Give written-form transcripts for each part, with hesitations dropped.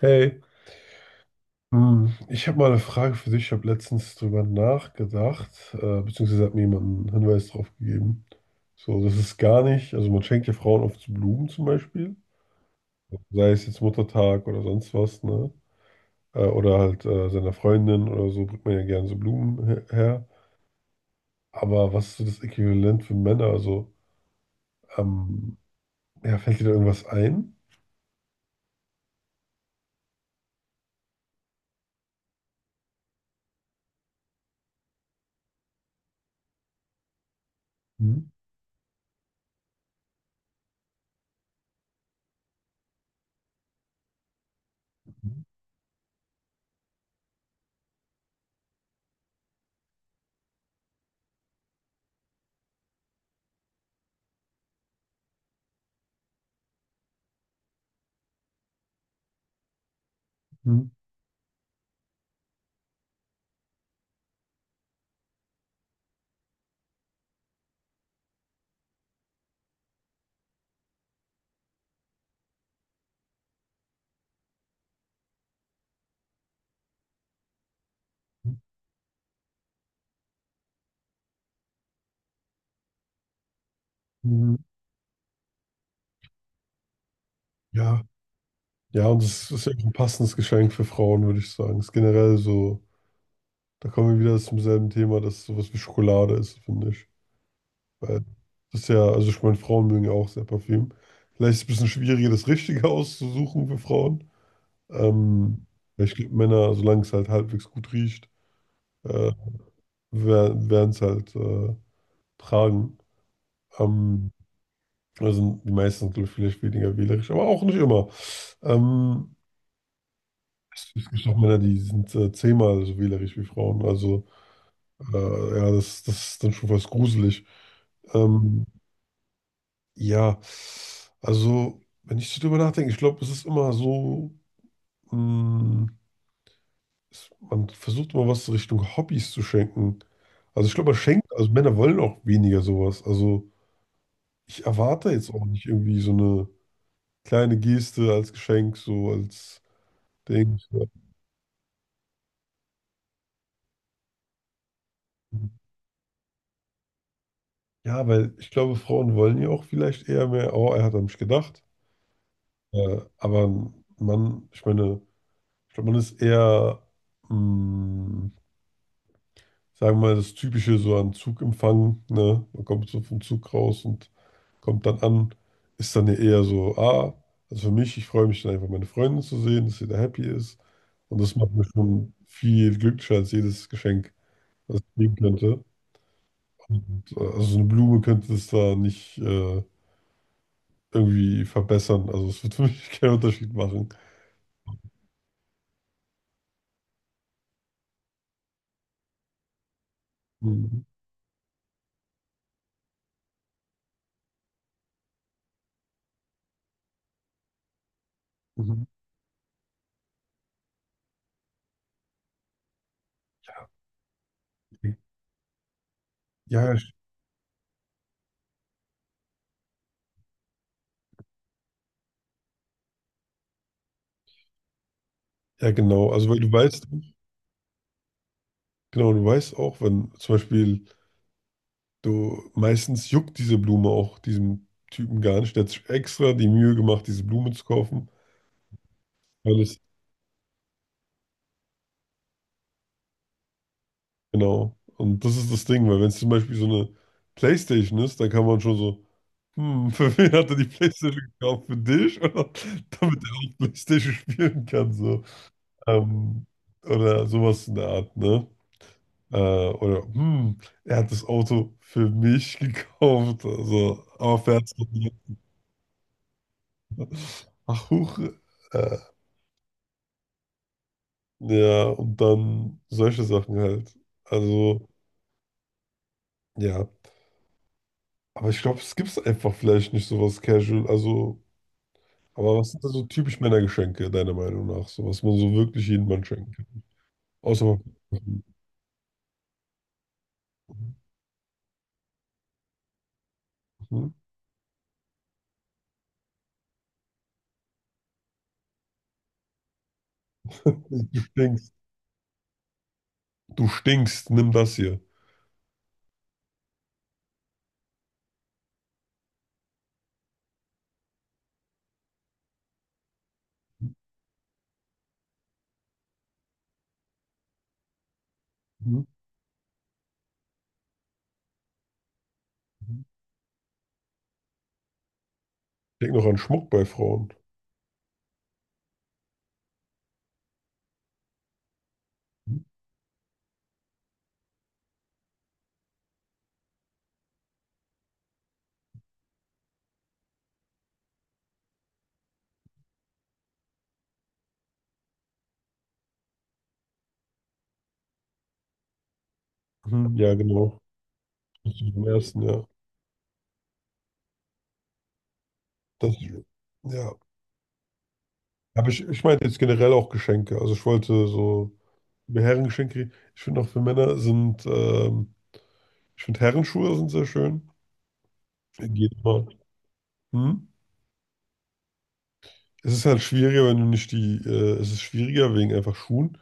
Hey, ich habe mal eine Frage für dich. Ich habe letztens drüber nachgedacht, beziehungsweise hat mir jemand einen Hinweis drauf gegeben. So, das ist gar nicht, also man schenkt ja Frauen oft so Blumen zum Beispiel, sei es jetzt Muttertag oder sonst was, ne? Oder halt seiner Freundin oder so, bringt man ja gerne so Blumen her. Aber was ist so das Äquivalent für Männer? Also, ähm, ja, fällt dir da irgendwas ein? Hm, hm, hm, hm. Ja. Ja, und es ist ja auch ein passendes Geschenk für Frauen, würde ich sagen. Ist generell so, da kommen wir wieder zum selben Thema, dass sowas wie Schokolade ist, finde ich. Weil das ist ja, also ich meine, Frauen mögen ja auch sehr Parfüm. Vielleicht ist es ein bisschen schwieriger, das Richtige auszusuchen für Frauen. Ähm, ja, ich glaube, Männer, solange es halt halbwegs gut riecht, äh, werden es halt tragen. Ähm, also die meisten sind, glaube ich, vielleicht weniger wählerisch, aber auch nicht immer. Ähm, es gibt auch Männer, die sind zehnmal so wählerisch wie Frauen. Also, ja, das ist dann schon fast gruselig. Ähm, ja, also, wenn ich so drüber nachdenke, ich glaube, es ist immer so, mh, man versucht immer was Richtung Hobbys zu schenken. Also, ich glaube, man schenkt, also Männer wollen auch weniger sowas. Also, ich erwarte jetzt auch nicht irgendwie so eine kleine Geste als Geschenk, so als Ding. Ja, weil ich glaube, Frauen wollen ja auch vielleicht eher mehr, oh, er hat an mich gedacht. Aber ein Mann, ich meine. Ich glaube, man ist eher, mh, sagen wir mal, das Typische so an Zugempfang, ne? Man kommt so vom Zug raus und kommt dann an, ist dann ja eher so, ah, also für mich, ich freue mich dann einfach, meine Freundin zu sehen, dass sie da happy ist. Und das macht mir schon viel glücklicher als jedes Geschenk, was ich kriegen könnte. Und, also so eine Blume könnte es da nicht irgendwie verbessern. Also es wird für mich keinen Unterschied machen. Mhm. Mhm. Ja, ja, genau. Also weil du weißt. Genau, du weißt auch, wenn zum Beispiel du meistens juckt diese Blume auch diesem Typen gar nicht. Der hat sich extra die Mühe gemacht, diese Blume zu kaufen. Weil es, genau. Und das ist das Ding, weil wenn es zum Beispiel so eine PlayStation ist, dann kann man schon so, für wen hat er die PlayStation gekauft? Für dich? Oder damit er auch PlayStation spielen kann, so. Ähm, oder sowas in der Art, ne? Äh, oder, er hat das Auto für mich gekauft. Also, aber fährt es noch. Ach, huch. Äh, ja, und dann solche Sachen halt. Also, ja. Aber ich glaube, es gibt einfach vielleicht nicht sowas casual. Also, aber was sind da so typisch Männergeschenke, deiner Meinung nach? So was man so wirklich jedem Mann schenken kann. Außer. Mhm. Du stinkst. Du stinkst, nimm das hier. Mhm. Ich denke noch an Schmuck bei Frauen. Mhm. Ja, genau. Das ist im ersten, ja. Das, ja. Aber ich meinte jetzt generell auch Geschenke. Also ich wollte so mir Herrengeschenke, ich finde auch für Männer sind, ich finde Herrenschuhe sind sehr schön. Geht immer. Hm? Es ist halt schwieriger, wenn du nicht die, es ist schwieriger wegen einfach Schuhen,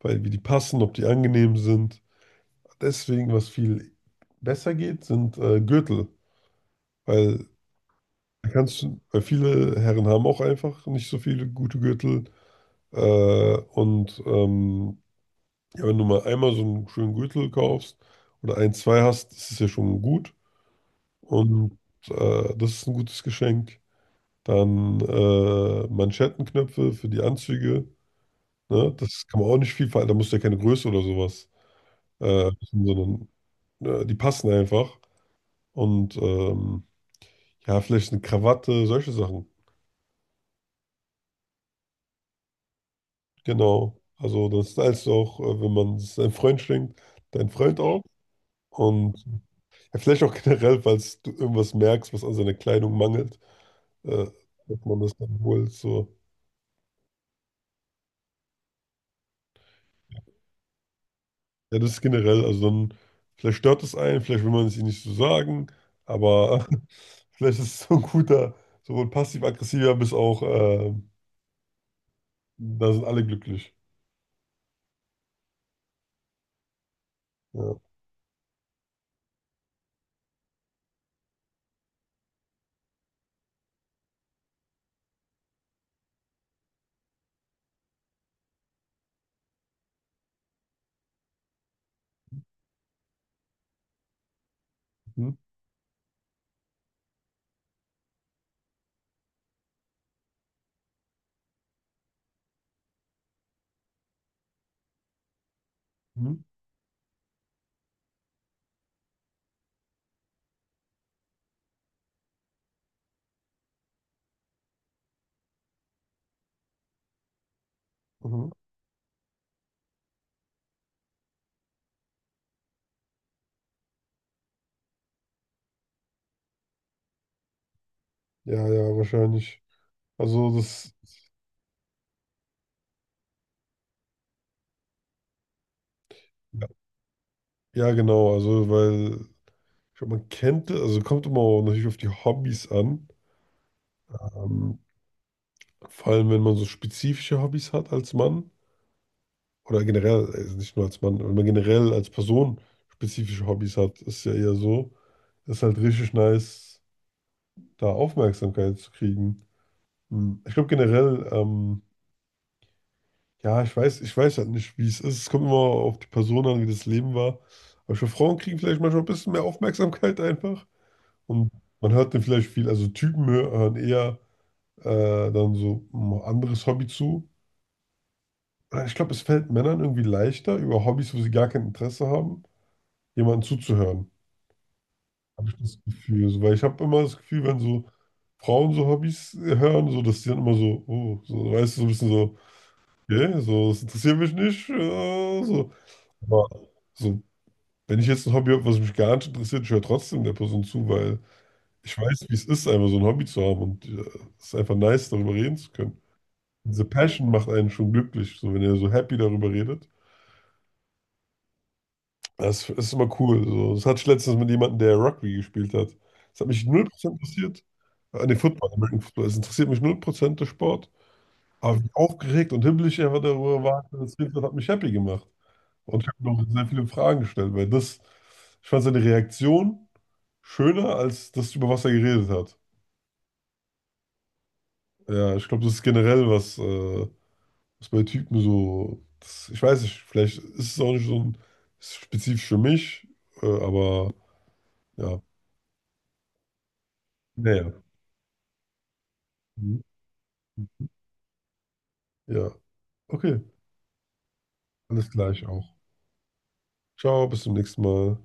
weil wie die passen, ob die angenehm sind. Deswegen, was viel besser geht, sind Gürtel, weil da kannst du, weil viele Herren haben auch einfach nicht so viele gute Gürtel. Und ja, wenn du mal einmal so einen schönen Gürtel kaufst oder ein, zwei hast, ist es ja schon gut. Und das ist ein gutes Geschenk. Dann Manschettenknöpfe für die Anzüge. Ne? Das kann man auch nicht viel verändern. Da musst du ja keine Größe oder sowas äh, wissen, sondern die passen einfach. Und ja, vielleicht eine Krawatte, solche Sachen. Genau. Also das heißt auch, wenn man es deinem Freund schenkt, dein Freund auch. Und ja, vielleicht auch generell, falls du irgendwas merkst, was an seiner Kleidung mangelt, äh, dass man das dann holt. So. Ja, das ist generell, also dann, vielleicht stört es einen, vielleicht will man es ihnen nicht so sagen, aber vielleicht ist es so ein guter, sowohl passiv-aggressiver bis auch, da sind alle glücklich. Ja. Mhm. Mhm. Mhm. Ja, ja, wahrscheinlich. Also das, ja, ja, genau, also weil, ich glaube, man kennt, also kommt immer auch natürlich auf die Hobbys an, ähm, vor allem wenn man so spezifische Hobbys hat als Mann. Oder generell, also nicht nur als Mann, wenn man generell als Person spezifische Hobbys hat, ist ja eher so, ist halt richtig nice, da Aufmerksamkeit zu kriegen. Ich glaube generell, ja, ich weiß halt nicht, wie es ist. Es kommt immer auf die Person an, wie das Leben war. Aber ich glaube, Frauen kriegen vielleicht manchmal ein bisschen mehr Aufmerksamkeit einfach. Und man hört dann vielleicht viel, also Typen hören eher dann so ein anderes Hobby zu. Ich glaube, es fällt Männern irgendwie leichter, über Hobbys, wo sie gar kein Interesse haben, jemanden zuzuhören. Habe ich das Gefühl. So, weil ich habe immer das Gefühl, wenn so Frauen so Hobbys hören, so, dass die dann immer so, oh, so, weißt du, so ein bisschen so, okay, so, das interessiert mich nicht, so. Aber so, wenn ich jetzt ein Hobby habe, was mich gar nicht interessiert, ich höre trotzdem der Person zu, weil ich weiß, wie es ist, einfach so ein Hobby zu haben und es ist einfach nice, darüber reden zu können. Diese Passion macht einen schon glücklich, so, wenn er so happy darüber redet. Das ist immer cool. So. Das hatte ich letztens mit jemandem, der Rugby gespielt hat. Das hat mich 0% interessiert. An den Football, American Football. Es interessiert mich 0% der Sport. Aber wie aufgeregt und himmlisch er darüber war, dass er das erzählt hat, hat mich happy gemacht. Und ich habe noch sehr viele Fragen gestellt, weil das, ich fand seine Reaktion schöner als das, über was er geredet hat. Ja, ich glaube, das ist generell was, was bei Typen so, das, ich weiß nicht, vielleicht ist es auch nicht so ein, spezifisch für mich, aber ja, naja. Mhm. Ja, okay. Alles gleich auch. Ciao, bis zum nächsten Mal.